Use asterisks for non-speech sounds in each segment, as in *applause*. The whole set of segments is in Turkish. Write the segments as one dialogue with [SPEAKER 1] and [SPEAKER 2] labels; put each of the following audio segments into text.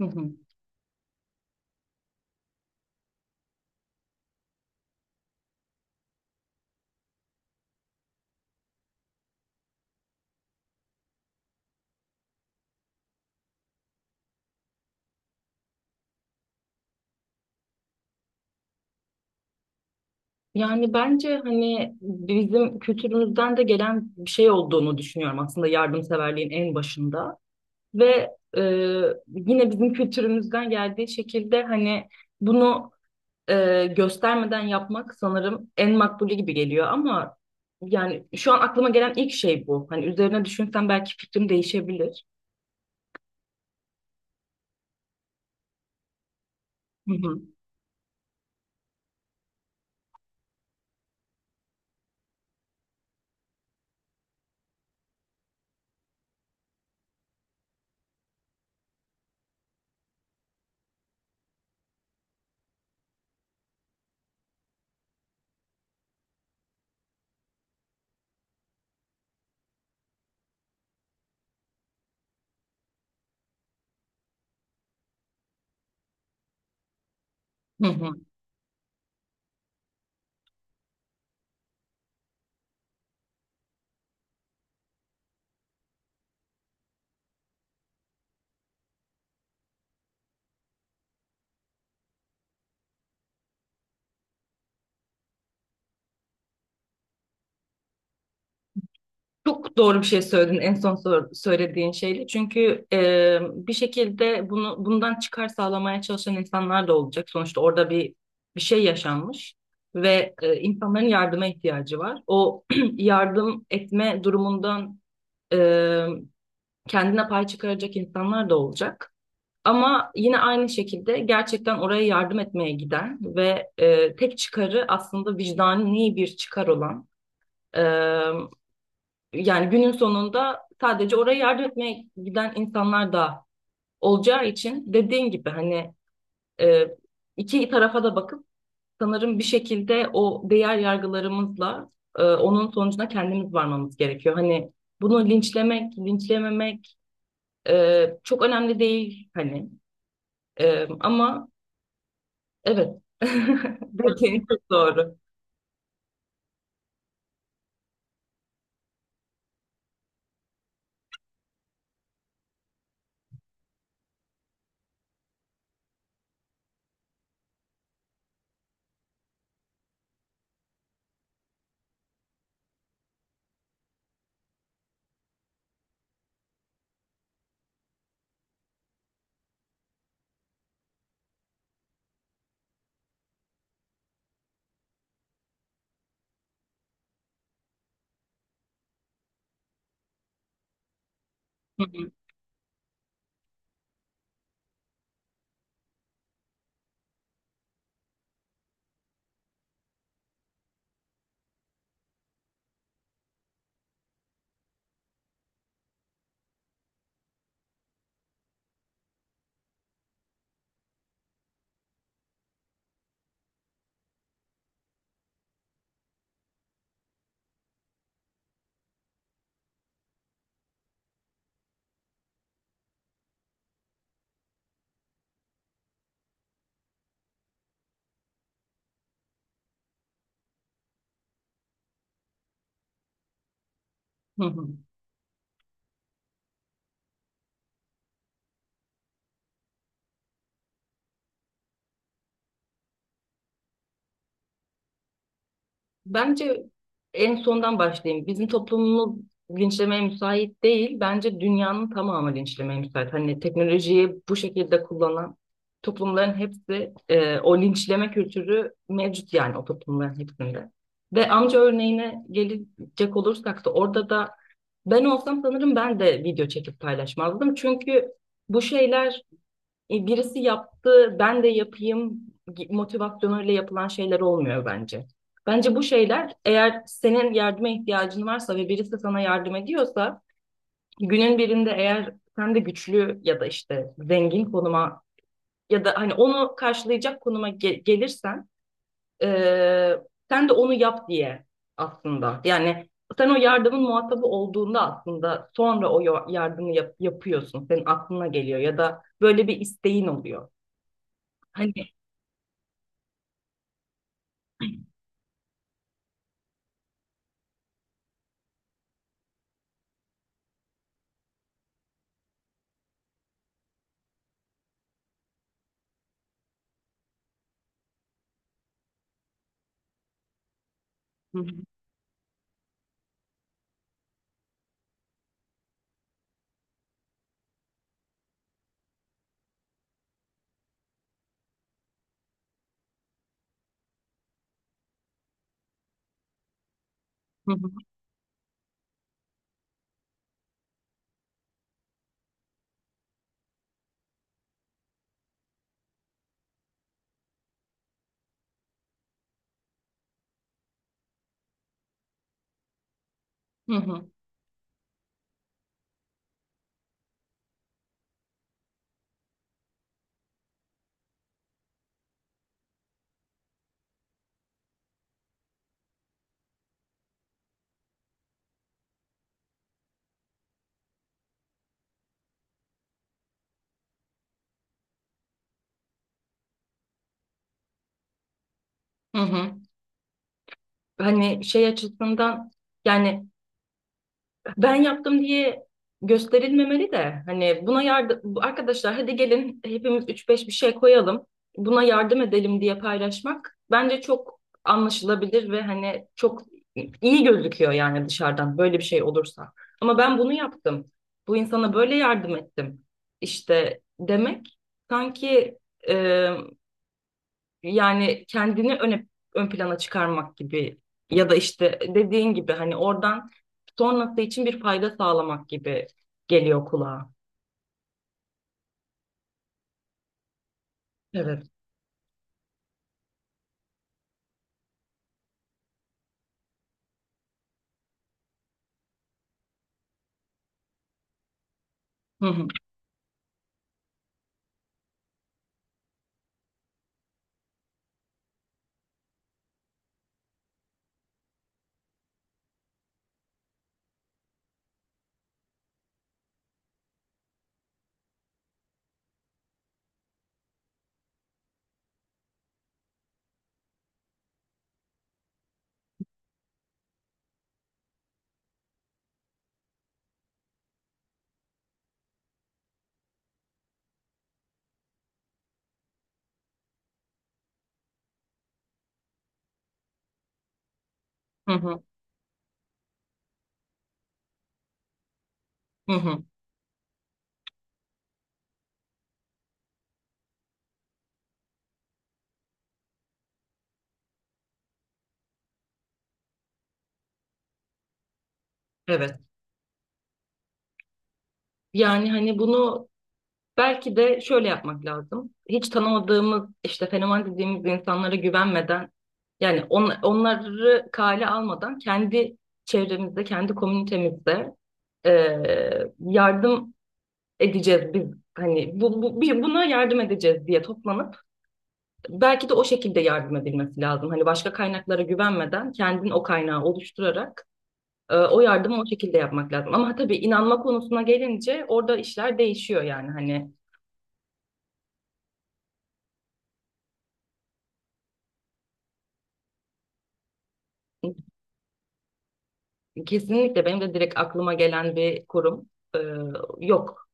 [SPEAKER 1] Hı hı. Yani bence hani bizim kültürümüzden de gelen bir şey olduğunu düşünüyorum aslında yardımseverliğin en başında ve e, yine bizim kültürümüzden geldiği şekilde hani bunu göstermeden yapmak sanırım en makbulü gibi geliyor ama yani şu an aklıma gelen ilk şey bu. Hani üzerine düşünsem belki fikrim değişebilir. Hı hı. Hı hı. Çok doğru bir şey söyledin en son söylediğin şeyle. Çünkü bir şekilde bunu bundan çıkar sağlamaya çalışan insanlar da olacak. Sonuçta orada bir şey yaşanmış ve insanların yardıma ihtiyacı var. O *clears throat* yardım etme durumundan e, kendine pay çıkaracak insanlar da olacak. Ama yine aynı şekilde gerçekten oraya yardım etmeye giden ve tek çıkarı aslında vicdani bir çıkar olan. e, Yani günün sonunda sadece oraya yardım etmeye giden insanlar da olacağı için dediğin gibi hani e, iki tarafa da bakıp sanırım bir şekilde o değer yargılarımızla onun sonucuna kendimiz varmamız gerekiyor. Hani bunu linçlemek, linçlememek çok önemli değil hani. Ama evet, *laughs* dediğin çok doğru. Hı hı. Hı hı. Bence en sondan başlayayım. Bizim toplumumuz linçlemeye müsait değil. Bence dünyanın tamamı linçlemeye müsait. Hani teknolojiyi bu şekilde kullanan toplumların hepsi o linçleme kültürü mevcut yani o toplumların hepsinde. Ve amca örneğine gelecek olursak da orada da ben olsam sanırım ben de video çekip paylaşmazdım. Çünkü bu şeyler birisi yaptı, ben de yapayım motivasyonuyla yapılan şeyler olmuyor bence. Bence bu şeyler eğer senin yardıma ihtiyacın varsa ve birisi sana yardım ediyorsa günün birinde eğer sen de güçlü ya da işte zengin konuma ya da hani onu karşılayacak konuma gelirsen e, sen de onu yap diye aslında. Yani sen o yardımın muhatabı olduğunda aslında sonra o yardımı yapıyorsun. Senin aklına geliyor ya da böyle bir isteğin oluyor. Hani. Hı hı, hı hı, hı hı. Hı hı. Hani şey açısından yani ben yaptım diye gösterilmemeli de hani buna yardım arkadaşlar, hadi gelin hepimiz üç beş bir şey koyalım buna yardım edelim diye paylaşmak bence çok anlaşılabilir ve hani çok iyi gözüküyor yani dışarıdan böyle bir şey olursa. Ama ben bunu yaptım. Bu insana böyle yardım ettim, işte demek sanki. Yani kendini öne, ön plana çıkarmak gibi ya da işte dediğin gibi hani oradan sonrası için bir fayda sağlamak gibi geliyor kulağa. Evet. Hı hı, hı hı, hı hı. Evet. Yani hani bunu belki de şöyle yapmak lazım. Hiç tanımadığımız işte fenomen dediğimiz insanlara güvenmeden yani onları kale almadan kendi çevremizde, kendi komünitemizde yardım edeceğiz biz, hani bu bir buna yardım edeceğiz diye toplanıp belki de o şekilde yardım edilmesi lazım. Hani başka kaynaklara güvenmeden kendin o kaynağı oluşturarak o yardımı o şekilde yapmak lazım. Ama tabii inanma konusuna gelince orada işler değişiyor yani hani kesinlikle benim de direkt aklıma gelen bir kurum e, yok.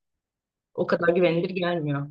[SPEAKER 1] O kadar güvenilir gelmiyor.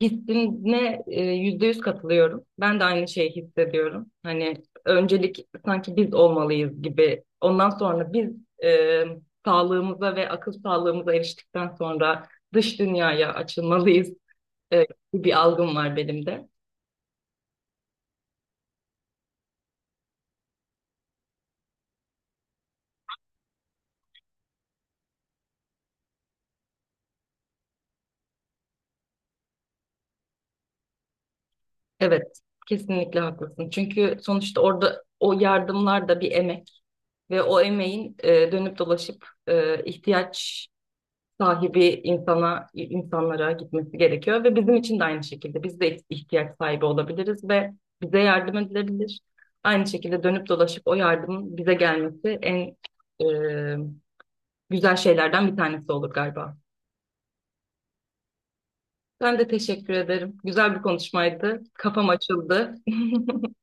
[SPEAKER 1] Hissine %100 katılıyorum. Ben de aynı şeyi hissediyorum. Hani öncelik sanki biz olmalıyız gibi. Ondan sonra biz e, sağlığımıza ve akıl sağlığımıza eriştikten sonra dış dünyaya açılmalıyız e, gibi bir algım var benim de. Evet, kesinlikle haklısın. Çünkü sonuçta orada o yardımlar da bir emek ve o emeğin dönüp dolaşıp ihtiyaç sahibi insanlara gitmesi gerekiyor ve bizim için de aynı şekilde biz de ihtiyaç sahibi olabiliriz ve bize yardım edilebilir. Aynı şekilde dönüp dolaşıp o yardımın bize gelmesi en e, güzel şeylerden bir tanesi olur galiba. Ben de teşekkür ederim. Güzel bir konuşmaydı. Kafam açıldı. *laughs*